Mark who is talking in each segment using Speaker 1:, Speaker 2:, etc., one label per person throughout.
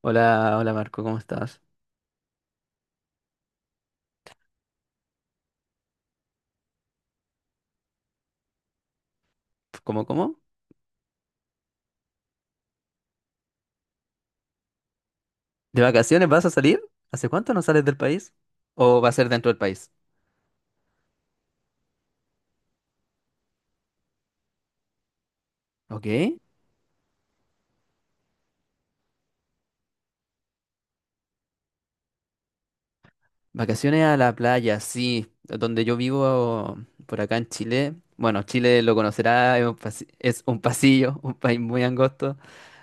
Speaker 1: Hola, hola Marco, ¿cómo estás? ¿Cómo, cómo? ¿De vacaciones vas a salir? ¿Hace cuánto no sales del país? ¿O va a ser dentro del país? ¿Ok? Vacaciones a la playa, sí. Donde yo vivo, por acá en Chile. Bueno, Chile lo conocerá, es un pasillo, un país muy angosto.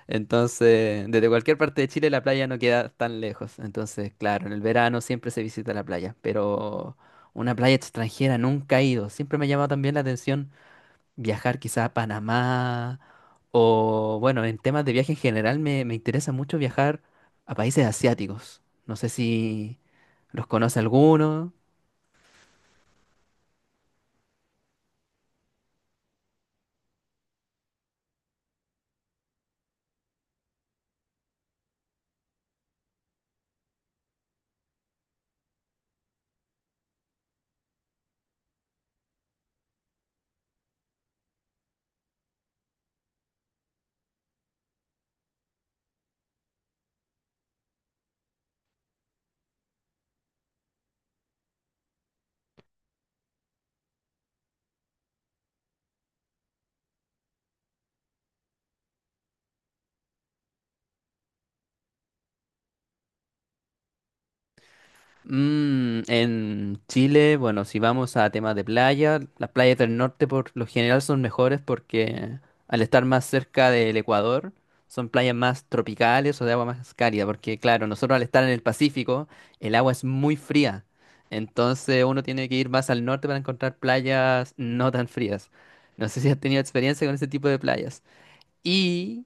Speaker 1: Entonces, desde cualquier parte de Chile la playa no queda tan lejos. Entonces, claro, en el verano siempre se visita la playa. Pero una playa extranjera nunca he ido. Siempre me ha llamado también la atención viajar quizá a Panamá. O bueno, en temas de viaje en general me interesa mucho viajar a países asiáticos. No sé si los conoce alguno. En Chile, bueno, si vamos a temas de playa, las playas del norte por lo general son mejores porque al estar más cerca del Ecuador, son playas más tropicales o de agua más cálida, porque claro, nosotros al estar en el Pacífico, el agua es muy fría, entonces uno tiene que ir más al norte para encontrar playas no tan frías. No sé si has tenido experiencia con ese tipo de playas. Y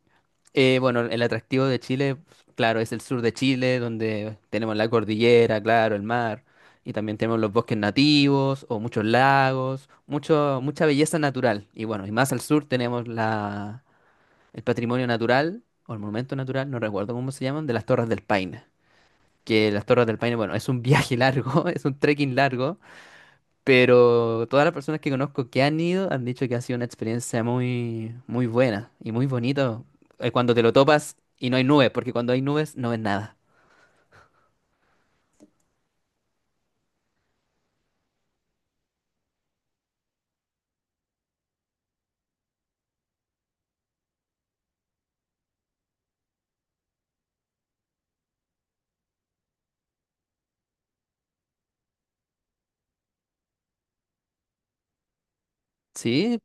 Speaker 1: bueno, el atractivo de Chile, claro, es el sur de Chile, donde tenemos la cordillera, claro, el mar, y también tenemos los bosques nativos o muchos lagos, mucho, mucha belleza natural. Y bueno, y más al sur tenemos la, el patrimonio natural o el monumento natural, no recuerdo cómo se llaman, de las Torres del Paine. Que las Torres del Paine, bueno, es un viaje largo, es un trekking largo, pero todas las personas que conozco que han ido han dicho que ha sido una experiencia muy, muy buena y muy bonita cuando te lo topas y no hay nubes, porque cuando hay nubes no ves nada. Sí,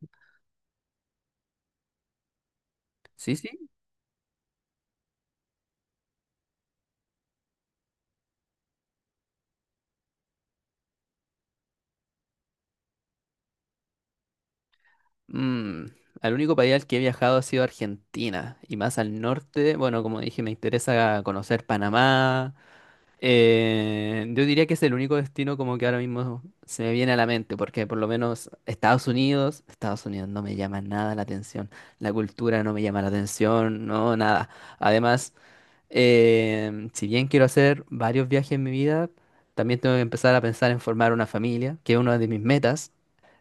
Speaker 1: sí, sí. Mm, Al único país al que he viajado ha sido Argentina y más al norte. Bueno, como dije, me interesa conocer Panamá. Yo diría que es el único destino como que ahora mismo se me viene a la mente, porque por lo menos Estados Unidos, Estados Unidos no me llama nada la atención, la cultura no me llama la atención, no, nada. Además, si bien quiero hacer varios viajes en mi vida, también tengo que empezar a pensar en formar una familia, que es una de mis metas.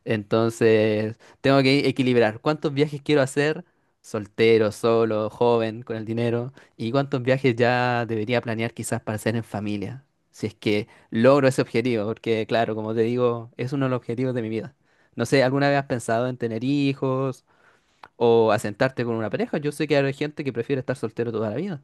Speaker 1: Entonces, tengo que equilibrar cuántos viajes quiero hacer soltero, solo, joven, con el dinero, y cuántos viajes ya debería planear quizás para hacer en familia, si es que logro ese objetivo, porque claro, como te digo, es uno de los objetivos de mi vida. No sé, ¿alguna vez has pensado en tener hijos o asentarte con una pareja? Yo sé que hay gente que prefiere estar soltero toda la vida.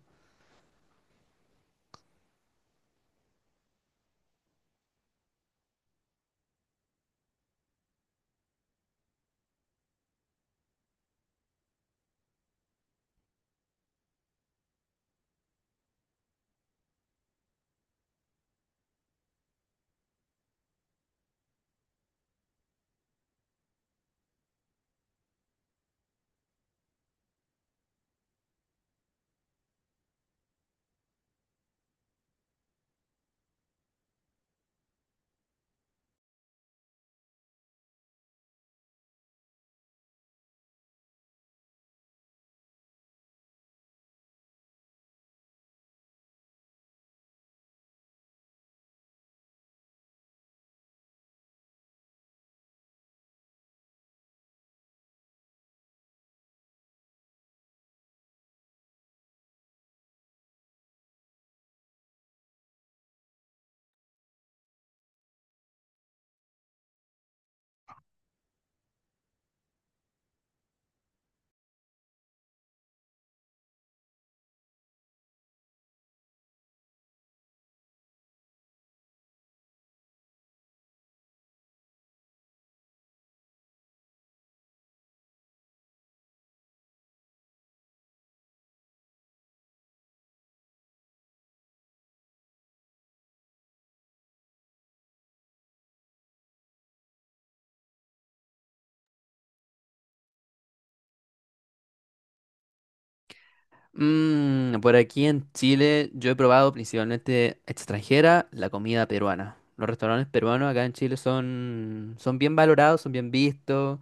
Speaker 1: Por aquí en Chile yo he probado principalmente extranjera la comida peruana. Los restaurantes peruanos acá en Chile son bien valorados, son bien vistos.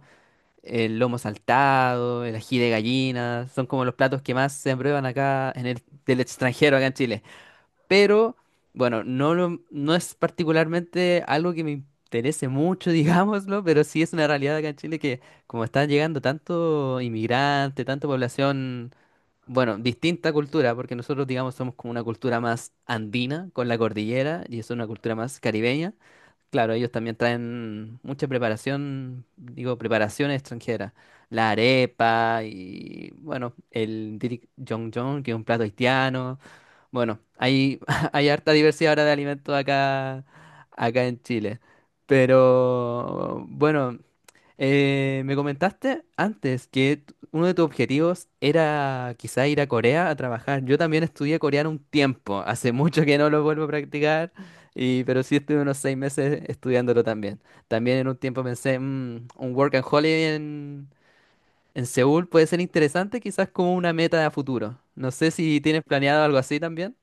Speaker 1: El lomo saltado, el ají de gallina, son como los platos que más se aprueban acá en el, del extranjero acá en Chile. Pero bueno, no, no es particularmente algo que me interese mucho, digámoslo, pero sí es una realidad acá en Chile que como está llegando tanto inmigrante, tanta población, bueno, distinta cultura, porque nosotros, digamos, somos como una cultura más andina con la cordillera y es una cultura más caribeña. Claro, ellos también traen mucha preparación, digo, preparación extranjera. La arepa y, bueno, el dirik jong jong, que es un plato haitiano. Bueno, hay, hay harta diversidad ahora de alimentos acá, acá en Chile. Pero, bueno, me comentaste antes que uno de tus objetivos era quizá ir a Corea a trabajar. Yo también estudié coreano un tiempo, hace mucho que no lo vuelvo a practicar, y, pero sí estuve unos 6 meses estudiándolo también. También en un tiempo pensé, "Mm, un work and holiday en Seúl puede ser interesante, quizás como una meta a futuro". No sé si tienes planeado algo así también.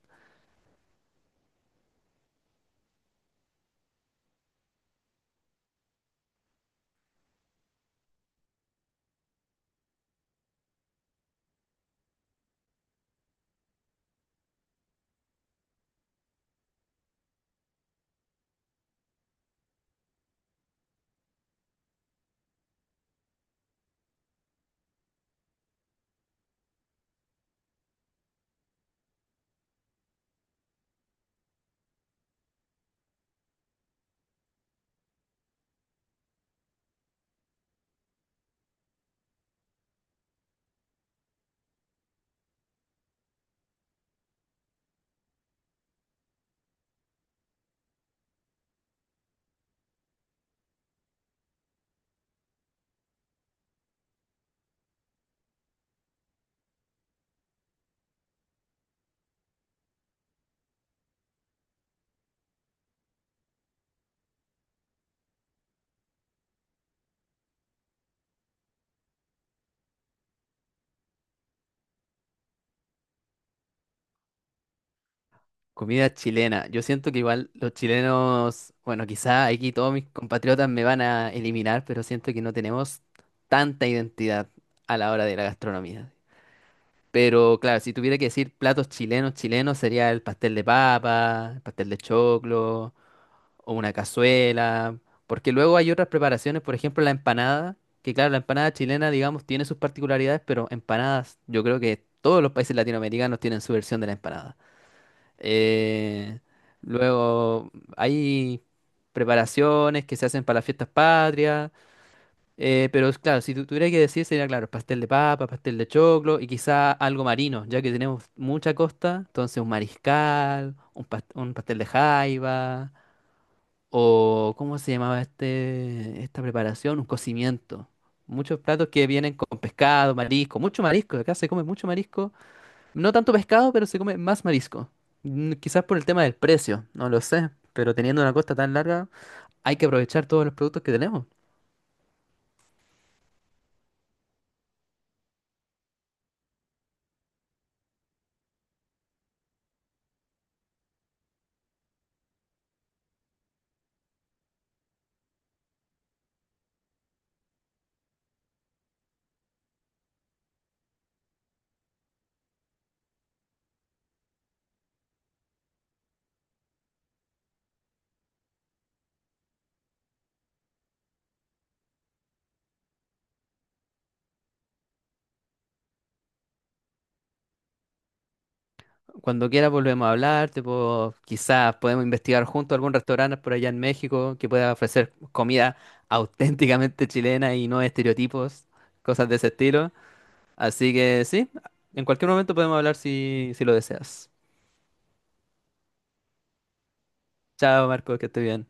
Speaker 1: Comida chilena. Yo siento que igual los chilenos, bueno, quizá aquí todos mis compatriotas me van a eliminar, pero siento que no tenemos tanta identidad a la hora de la gastronomía. Pero claro, si tuviera que decir platos chilenos, chilenos sería el pastel de papa, el pastel de choclo o una cazuela, porque luego hay otras preparaciones, por ejemplo la empanada, que claro, la empanada chilena, digamos, tiene sus particularidades, pero empanadas, yo creo que todos los países latinoamericanos tienen su versión de la empanada. Eh, Luego hay preparaciones que se hacen para las fiestas patrias, pero es claro, si tuviera que decir sería claro, pastel de papa, pastel de choclo y quizá algo marino, ya que tenemos mucha costa, entonces un mariscal, un, un pastel de jaiba, o ¿cómo se llamaba este, esta preparación? Un cocimiento. Muchos platos que vienen con pescado, marisco, mucho marisco, acá se come mucho marisco, no tanto pescado, pero se come más marisco. Quizás por el tema del precio, no lo sé. Pero teniendo una costa tan larga, hay que aprovechar todos los productos que tenemos. Cuando quieras volvemos a hablar, tipo, quizás podemos investigar juntos algún restaurante por allá en México que pueda ofrecer comida auténticamente chilena y no estereotipos, cosas de ese estilo. Así que sí, en cualquier momento podemos hablar si lo deseas. Chao, Marco, que estés bien.